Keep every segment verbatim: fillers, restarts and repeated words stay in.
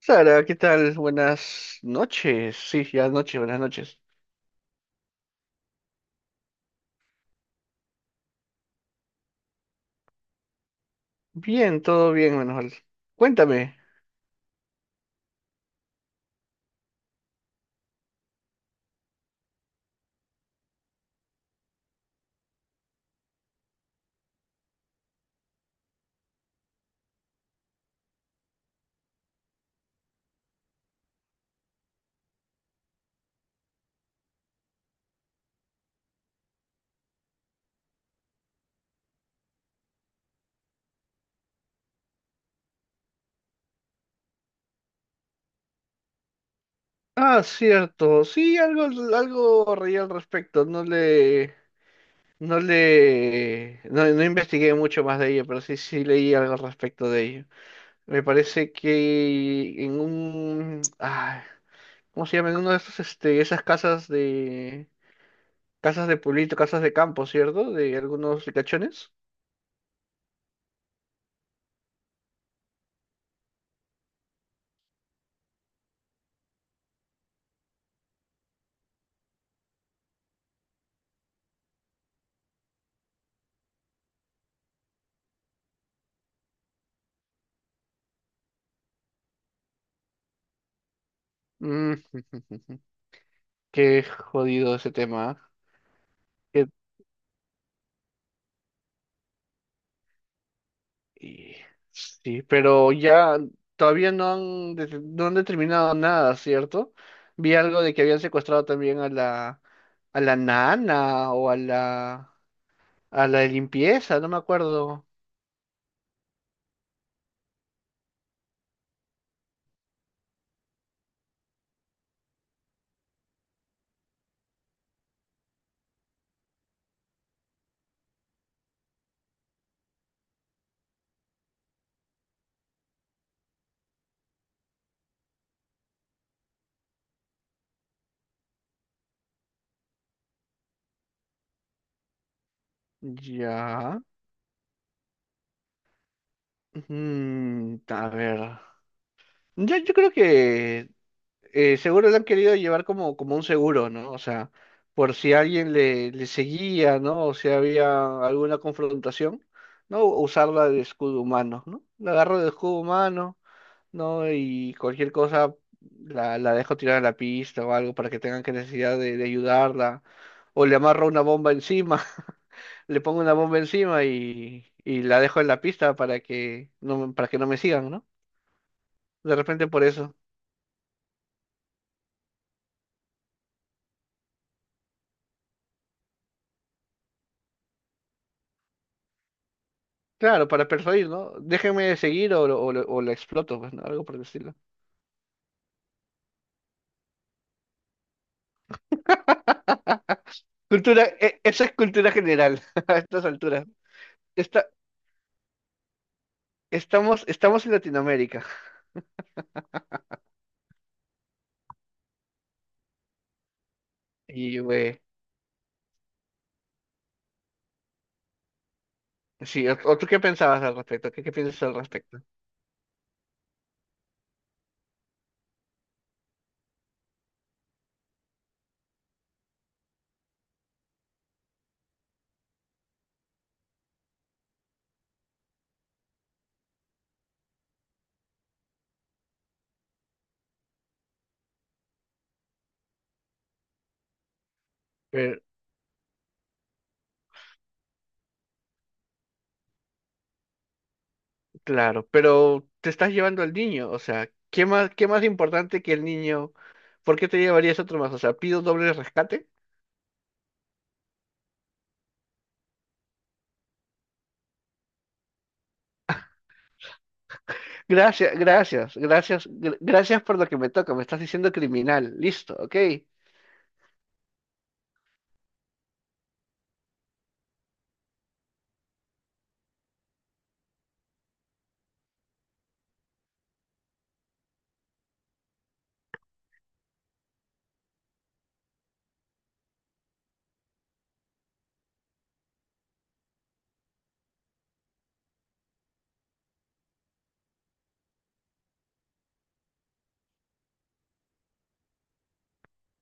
Sara, ¿qué tal? Buenas noches. Sí, ya es noche, buenas noches. Bien, todo bien, Manuel. Cuéntame. Ah, cierto. Sí, algo, algo reí al respecto. No le, no le, no, no investigué mucho más de ello, pero sí, sí leí algo al respecto de ello. Me parece que en un, ah, ¿cómo se llama? En uno de esos, este, esas casas de, casas de, pueblito, casas de campo, ¿cierto? De algunos ricachones. Mm. Qué jodido ese tema. Que y- sí, pero ya todavía no han, de- no han determinado nada, ¿cierto? Vi algo de que habían secuestrado también a la, a la, nana o a la, a la de limpieza, no me acuerdo. Ya. Mm, a ver. Yo, yo creo que eh, seguro lo han querido llevar como, como un seguro, ¿no? O sea, por si alguien le, le seguía, ¿no? O si había alguna confrontación, ¿no? Usarla de escudo humano, ¿no? La agarro de escudo humano, ¿no? Y cualquier cosa la, la dejo tirada a la pista o algo para que tengan que necesidad de, de ayudarla. O le amarro una bomba encima, le pongo una bomba encima y, y la dejo en la pista para que no, me- para que no me sigan, ¿no? De repente por eso. Claro, para persuadir, ¿no? Déjenme seguir o, lo- o, lo- o la exploto, pues, ¿no? Algo por el estilo. Cultura, e- eso es cultura general a estas alturas. Esta- estamos, estamos en Latinoamérica. Y, güey, sí, ¿o, o tú qué pensabas al respecto? ¿Qué, qué piensas al respecto? Pero- claro, pero te estás llevando al niño, o sea, ¿qué más, qué más importante que el niño? ¿Por qué te llevarías otro más? O sea, ¿pido doble rescate? Gracias, gracias, gracias, gr- gracias por lo que me toca. Me estás diciendo criminal. Listo, ok.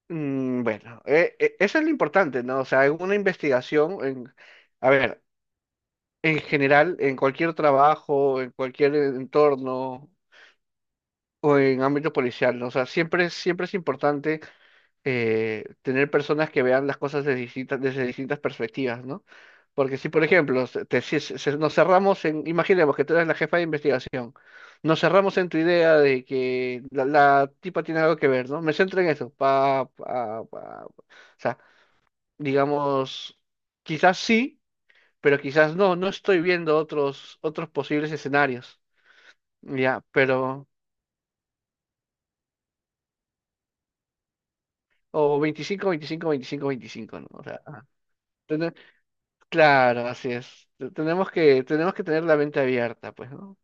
Mm, Bueno, eh, eh, eso es lo importante, ¿no? O sea, en una investigación, en, a ver, en general, en cualquier trabajo, en cualquier entorno o en ámbito policial, ¿no? O sea, siempre, siempre es importante eh, tener personas que vean las cosas desde distintas, desde distintas perspectivas, ¿no? Porque si, por ejemplo, se- te- si se- se- nos cerramos en, imaginemos que tú eres la jefa de investigación, nos cerramos en tu idea de que la, la tipa tiene algo que ver, ¿no? Me centro en eso, pa, pa, pa, pa. O sea, digamos, quizás sí, pero quizás no, no estoy viendo otros, otros posibles escenarios, ya, pero, o veinticinco veinticinco veinticinco veinticinco, ¿no? O sea, tene- claro, así es. Te- tenemos que, tenemos que tener la mente abierta, pues, ¿no?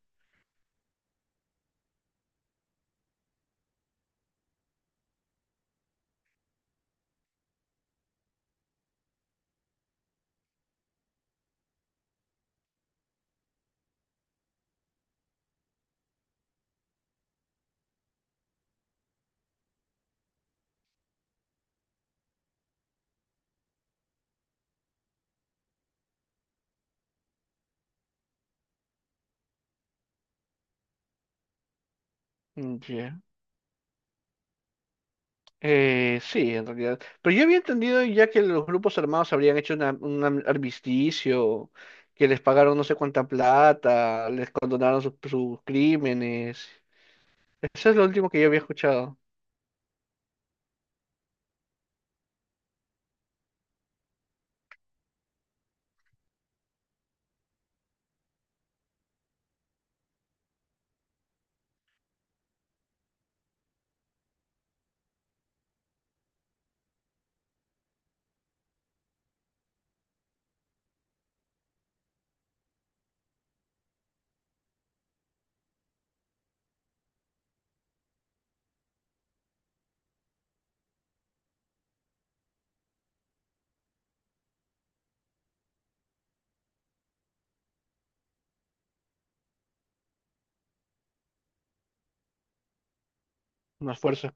Mm, ya. Eh, sí, en realidad. Pero yo había entendido ya que los grupos armados habrían hecho una- un am- armisticio, que les pagaron no sé cuánta plata, les condonaron sus sus crímenes. Eso es lo último que yo había escuchado. Una fuerza.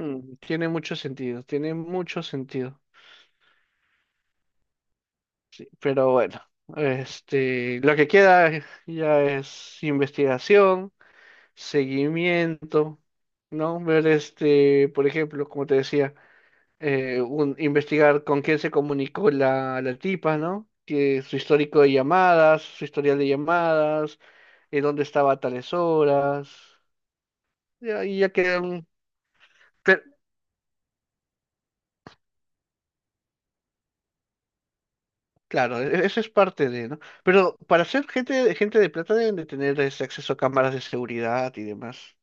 Mm, tiene mucho sentido, tiene mucho sentido. Pero bueno, este, lo que queda ya es investigación, seguimiento, ¿no? Ver, este, por ejemplo, como te decía, eh, un, investigar con quién se comunicó la, la tipa, ¿no? Que su histórico de llamadas, su historial de llamadas, en dónde estaba a tales horas, ya- y ya quedan. Claro, e- eso es parte de, ¿no? Pero para ser gente, gente de plata deben de tener ese acceso a cámaras de seguridad y demás.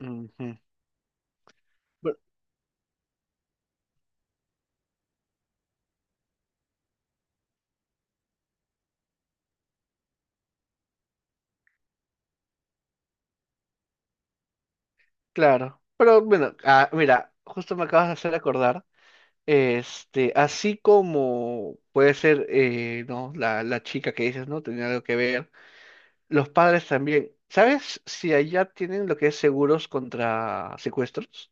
Ujú. Bu- Claro. Pero bueno, ah, mira, justo me acabas de hacer acordar, este, así como puede ser, eh, ¿no? La, la chica que dices, ¿no? Tenía algo que ver. Los padres también. ¿Sabes si allá tienen lo que es seguros contra secuestros?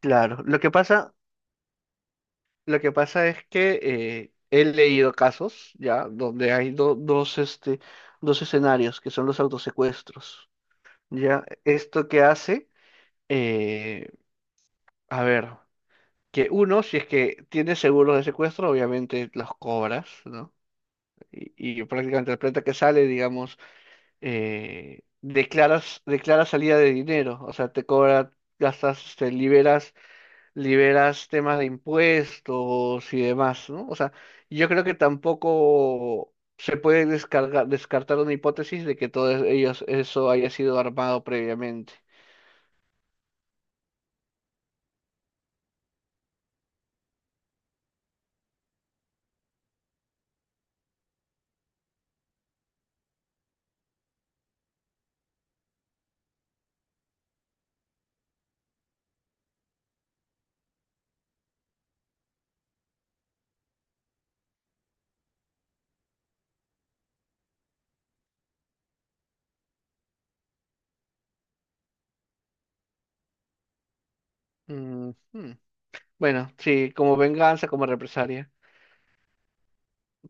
Claro. Lo que pasa... Lo que pasa es que eh, he leído casos ya donde hay do- dos, este, dos escenarios que son los autosecuestros. Ya, esto que hace, eh, a ver, que uno, si es que tiene seguros de secuestro, obviamente los cobras, ¿no? Y, y prácticamente la plata que sale, digamos, eh, declaras, declaras salida de dinero, o sea, te cobra, gastas, te liberas liberas temas de impuestos y demás, ¿no? O sea, yo creo que tampoco se puede descarga- descartar una hipótesis de que todo es- ellos, eso haya sido armado previamente. Mm, hmm. Bueno, sí, como venganza, como represalia.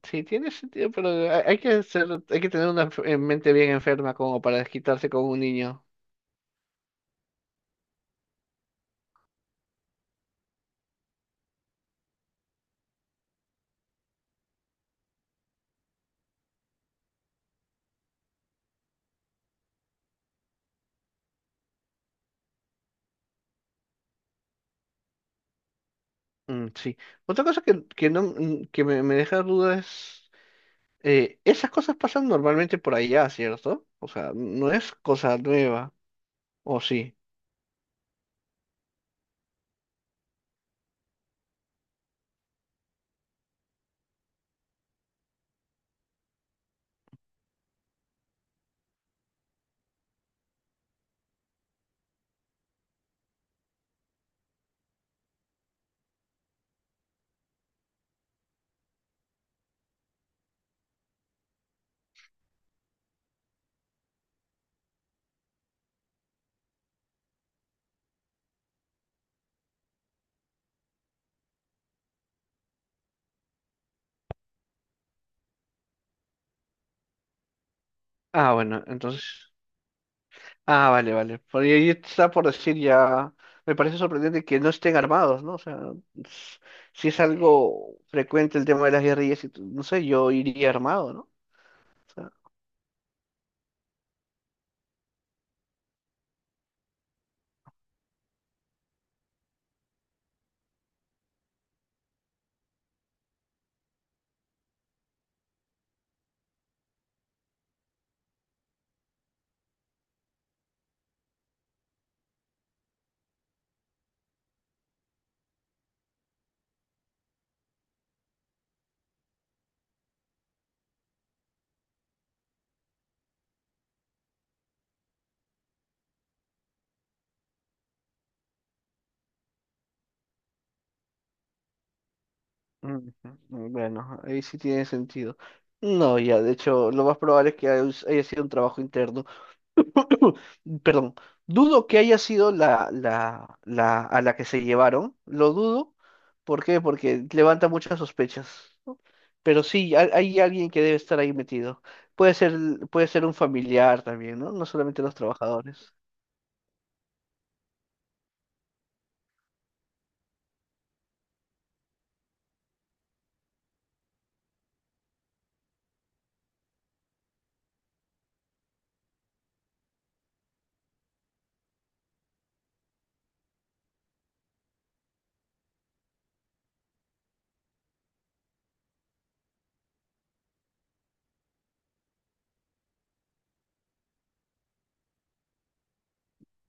Sí, tiene sentido, pero hay hay que ser, hay que tener una enf- eh, mente bien enferma como para desquitarse con un niño. Mm, sí. Otra cosa que, que no, mm, que me, me deja dudas. Eh, esas cosas pasan normalmente por allá, ¿cierto? O sea, no es cosa nueva, ¿o sí? Ah, bueno, entonces... Ah, vale, vale. Por ahí está por decir ya... Me parece sorprendente que no estén armados, ¿no? O sea, s- si es algo frecuente el tema de las guerrillas, y t- no sé, yo iría armado, ¿no? O sea, ujú, bueno, ahí sí tiene sentido. No, ya, de hecho, lo más probable es que haya haya sido un trabajo interno. Perdón, dudo que haya sido la, la, la a la que se llevaron, lo dudo. ¿Por qué? Porque levanta muchas sospechas, ¿no? Pero sí, hay, hay alguien que debe estar ahí metido. Puede ser, puede ser un familiar también, ¿no? No solamente los trabajadores.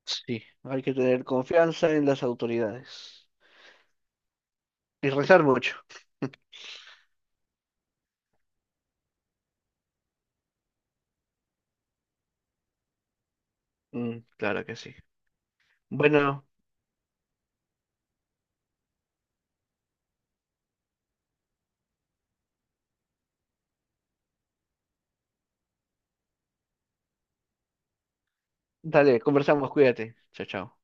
Sí, hay que tener confianza en las autoridades y rezar mucho. Mm, claro que sí. Bueno, dale, conversamos, cuídate. Chao, chao.